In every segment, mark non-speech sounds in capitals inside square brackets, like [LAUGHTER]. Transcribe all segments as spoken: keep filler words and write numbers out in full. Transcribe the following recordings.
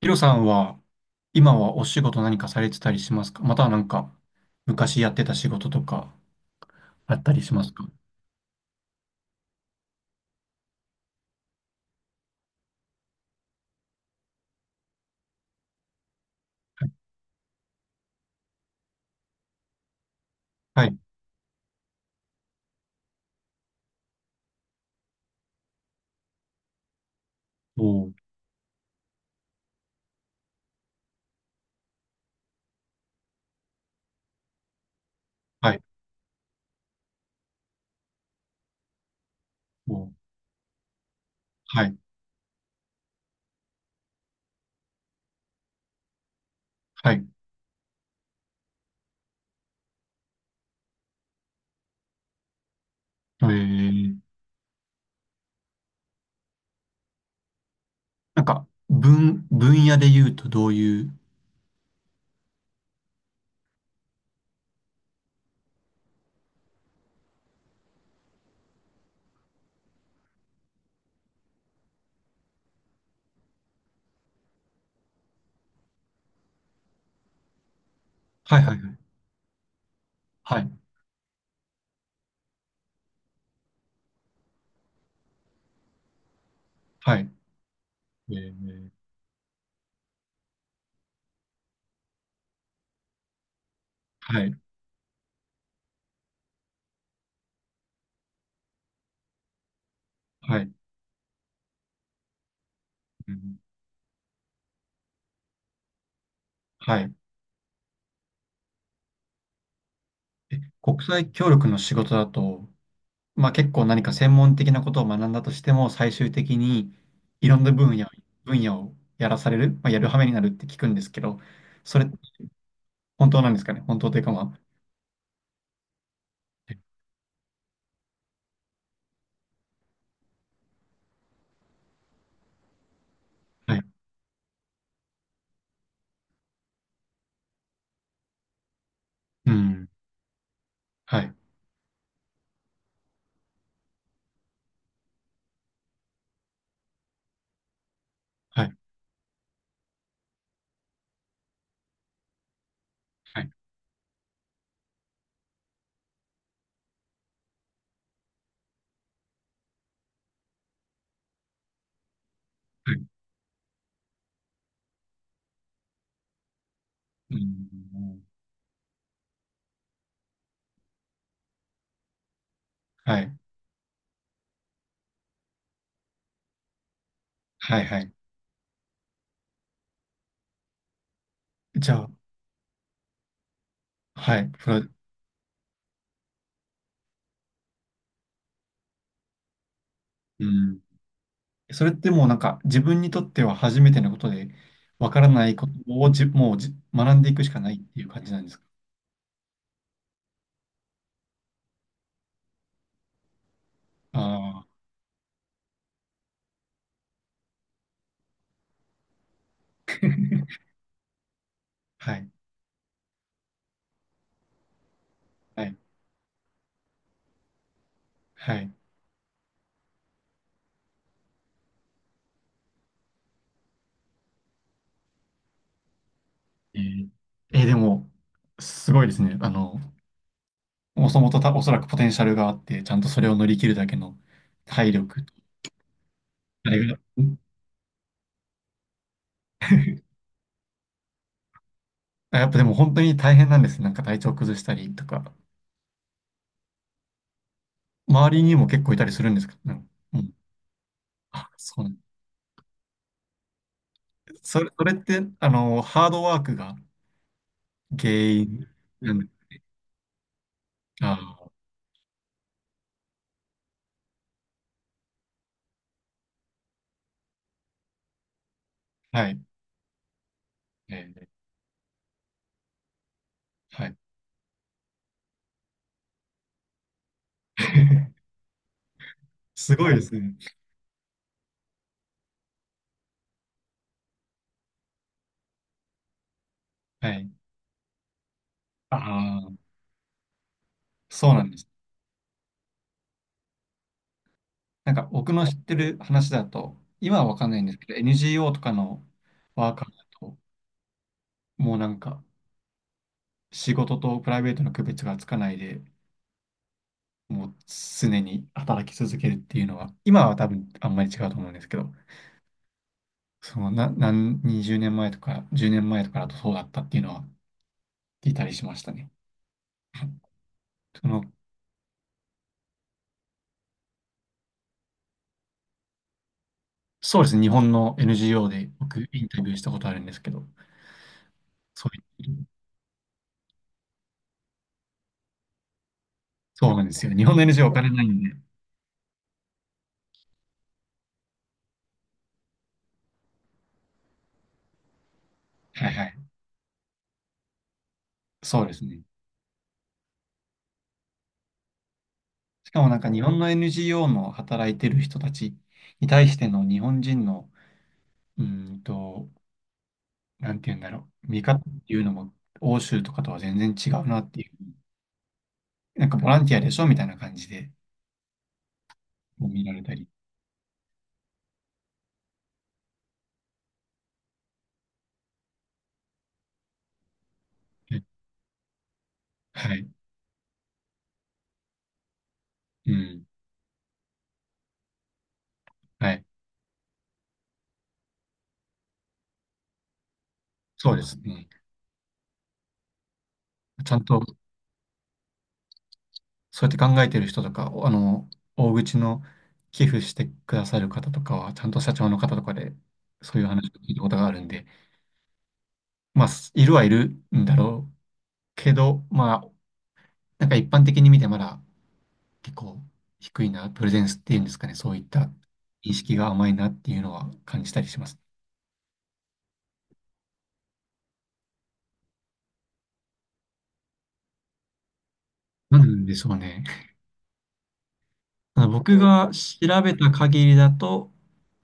ヒロさんは、今はお仕事何かされてたりしますか？または、なんか、昔やってた仕事とか、あったりしますか？はい。おー、はい。おー、はい。はい。えー、なんか、分、分野で言うとどういう？はいはいはい。はい。はい。えー、はい。はい。うん。はい。え、国際協力の仕事だと、まあ、結構何か専門的なことを学んだとしても、最終的にいろんな分野、分野をやらされる、まあ、やる羽目になるって聞くんですけど、それ本当なんですかね。本当というか、まあ。はい。うん。はい。はい。はい。はい。うん。はい。はい。はい。じゃあ、はい。それ、うん。それってもうなんか自分にとっては初めてのことで、わからないことをじ、もうじ、学んでいくしかないっていう感じなんですか？ああー、はい。はい。はい。えーえーでも、すごいですね。あの、もともとたおそらくポテンシャルがあって、ちゃんとそれを乗り切るだけの体力と、あれが、うん。あ、やっぱでも本当に大変なんですね。なんか体調崩したりとか、周りにも結構いたりするんですか？うん。うん。あ、そうなん。それ、それって、あの、ハードワークが原因なんで？ああ、はい。えー、はい。[LAUGHS] すごいですね。はい。ああ、そうなんです。なんか僕の知ってる話だと、今はわかんないんですけど、エヌジーオー とかのワーカーだと、もうなんか仕事とプライベートの区別がつかないで、もう常に働き続けるっていうのは、今は多分あんまり違うと思うんですけど、そのな、何、にじゅうねんまえとかじゅうねんまえとかだとそうだったっていうのは聞いたりしましたね。[LAUGHS] その、そうですね、日本の エヌジーオー で僕インタビューしたことあるんですけど、そういう、そうなんですよ。日本の エヌジーオー お金ないんで、はいはい。そうですね。しかもなんか日本の エヌジーオー の働いてる人たちに対しての日本人の、うーんと、なんて言うんだろう、見方っていうのも欧州とかとは全然違うなっていう、なんかボランティアでしょみたいな感じでもう見られたり。はい。はい。うん。はい。そうですね。ちゃんとそうやって考えてる人とか、おあの、大口の寄付してくださる方とかは、ちゃんと社長の方とかで、そういう話を聞いたことがあるんで、まあ、すいるはいるんだろうけど、まあ、なんか一般的に見てまだ結構低いな、プレゼンスっていうんですかね、そういった認識が甘いなっていうのは感じたりします。なんでしょうね。あの僕が調べた限りだと、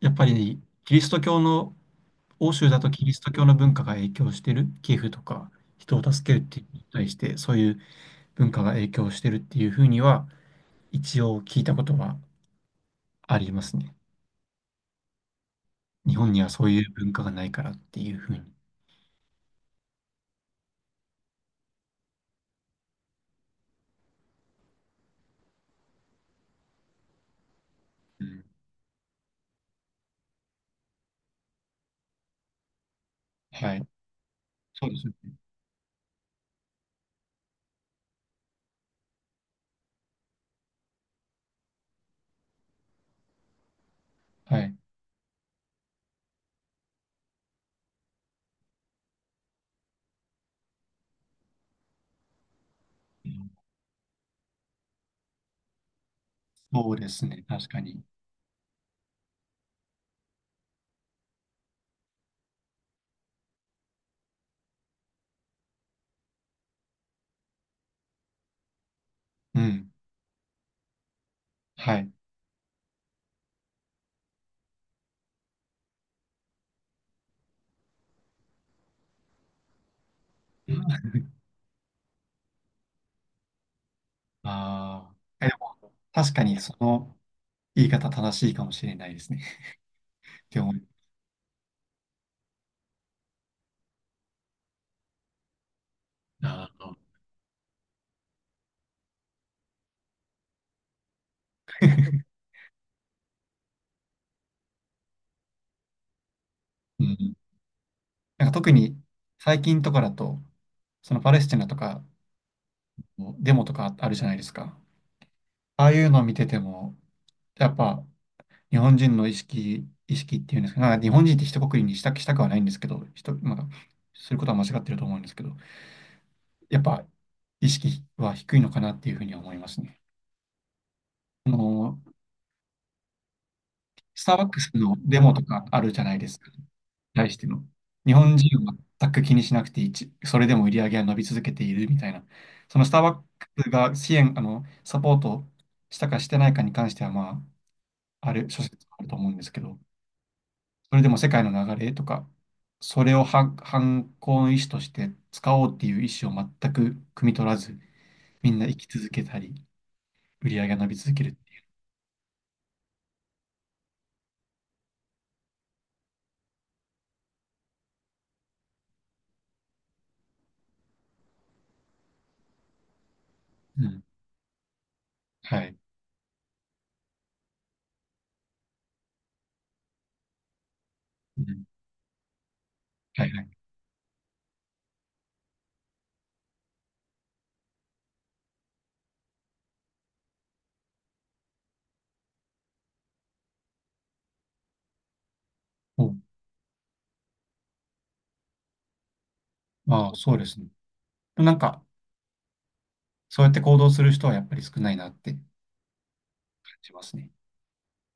やっぱりキリスト教の、欧州だとキリスト教の文化が影響してる、寄付とか人を助けるっていうのに対して、そういう文化が影響してるっていうふうには、一応聞いたことはありますね。日本にはそういう文化がないからっていうふうに。うん。はい。そうですよね。はい。そうですね。確かに。うん。はい。[LAUGHS] ああ。え、でも確かにその言い方正しいかもしれないですね。[LAUGHS] って思いあー [LAUGHS] うん。なんか特に最近とかだと、そのパレスチナとかのデモとかあるじゃないですか。ああいうのを見てても、やっぱ日本人の意識、意識っていうんですか、なんか日本人って一括りにしたく、したくはないんですけど、ひと、まあ、することは間違ってると思うんですけど、やっぱ意識は低いのかなっていうふうには思いますね。あの、スターバックスのデモとかあるじゃないですか。対しての。日本人は全く気にしなくていいち、それでも売り上げは伸び続けているみたいな。そのスターバックスが支援、あの、サポートしたかしてないかに関しては、まあ、ある諸説あると思うんですけど、それでも世界の流れとか、それを反、反抗の意思として使おうっていう意思を全く汲み取らず、みんな生き続けたり、売り上げが伸び続ける。うん。はい。うん。はいはい。お、ああ、そうですね。なんか、そうやって行動する人はやっぱり少ないなって感じますね。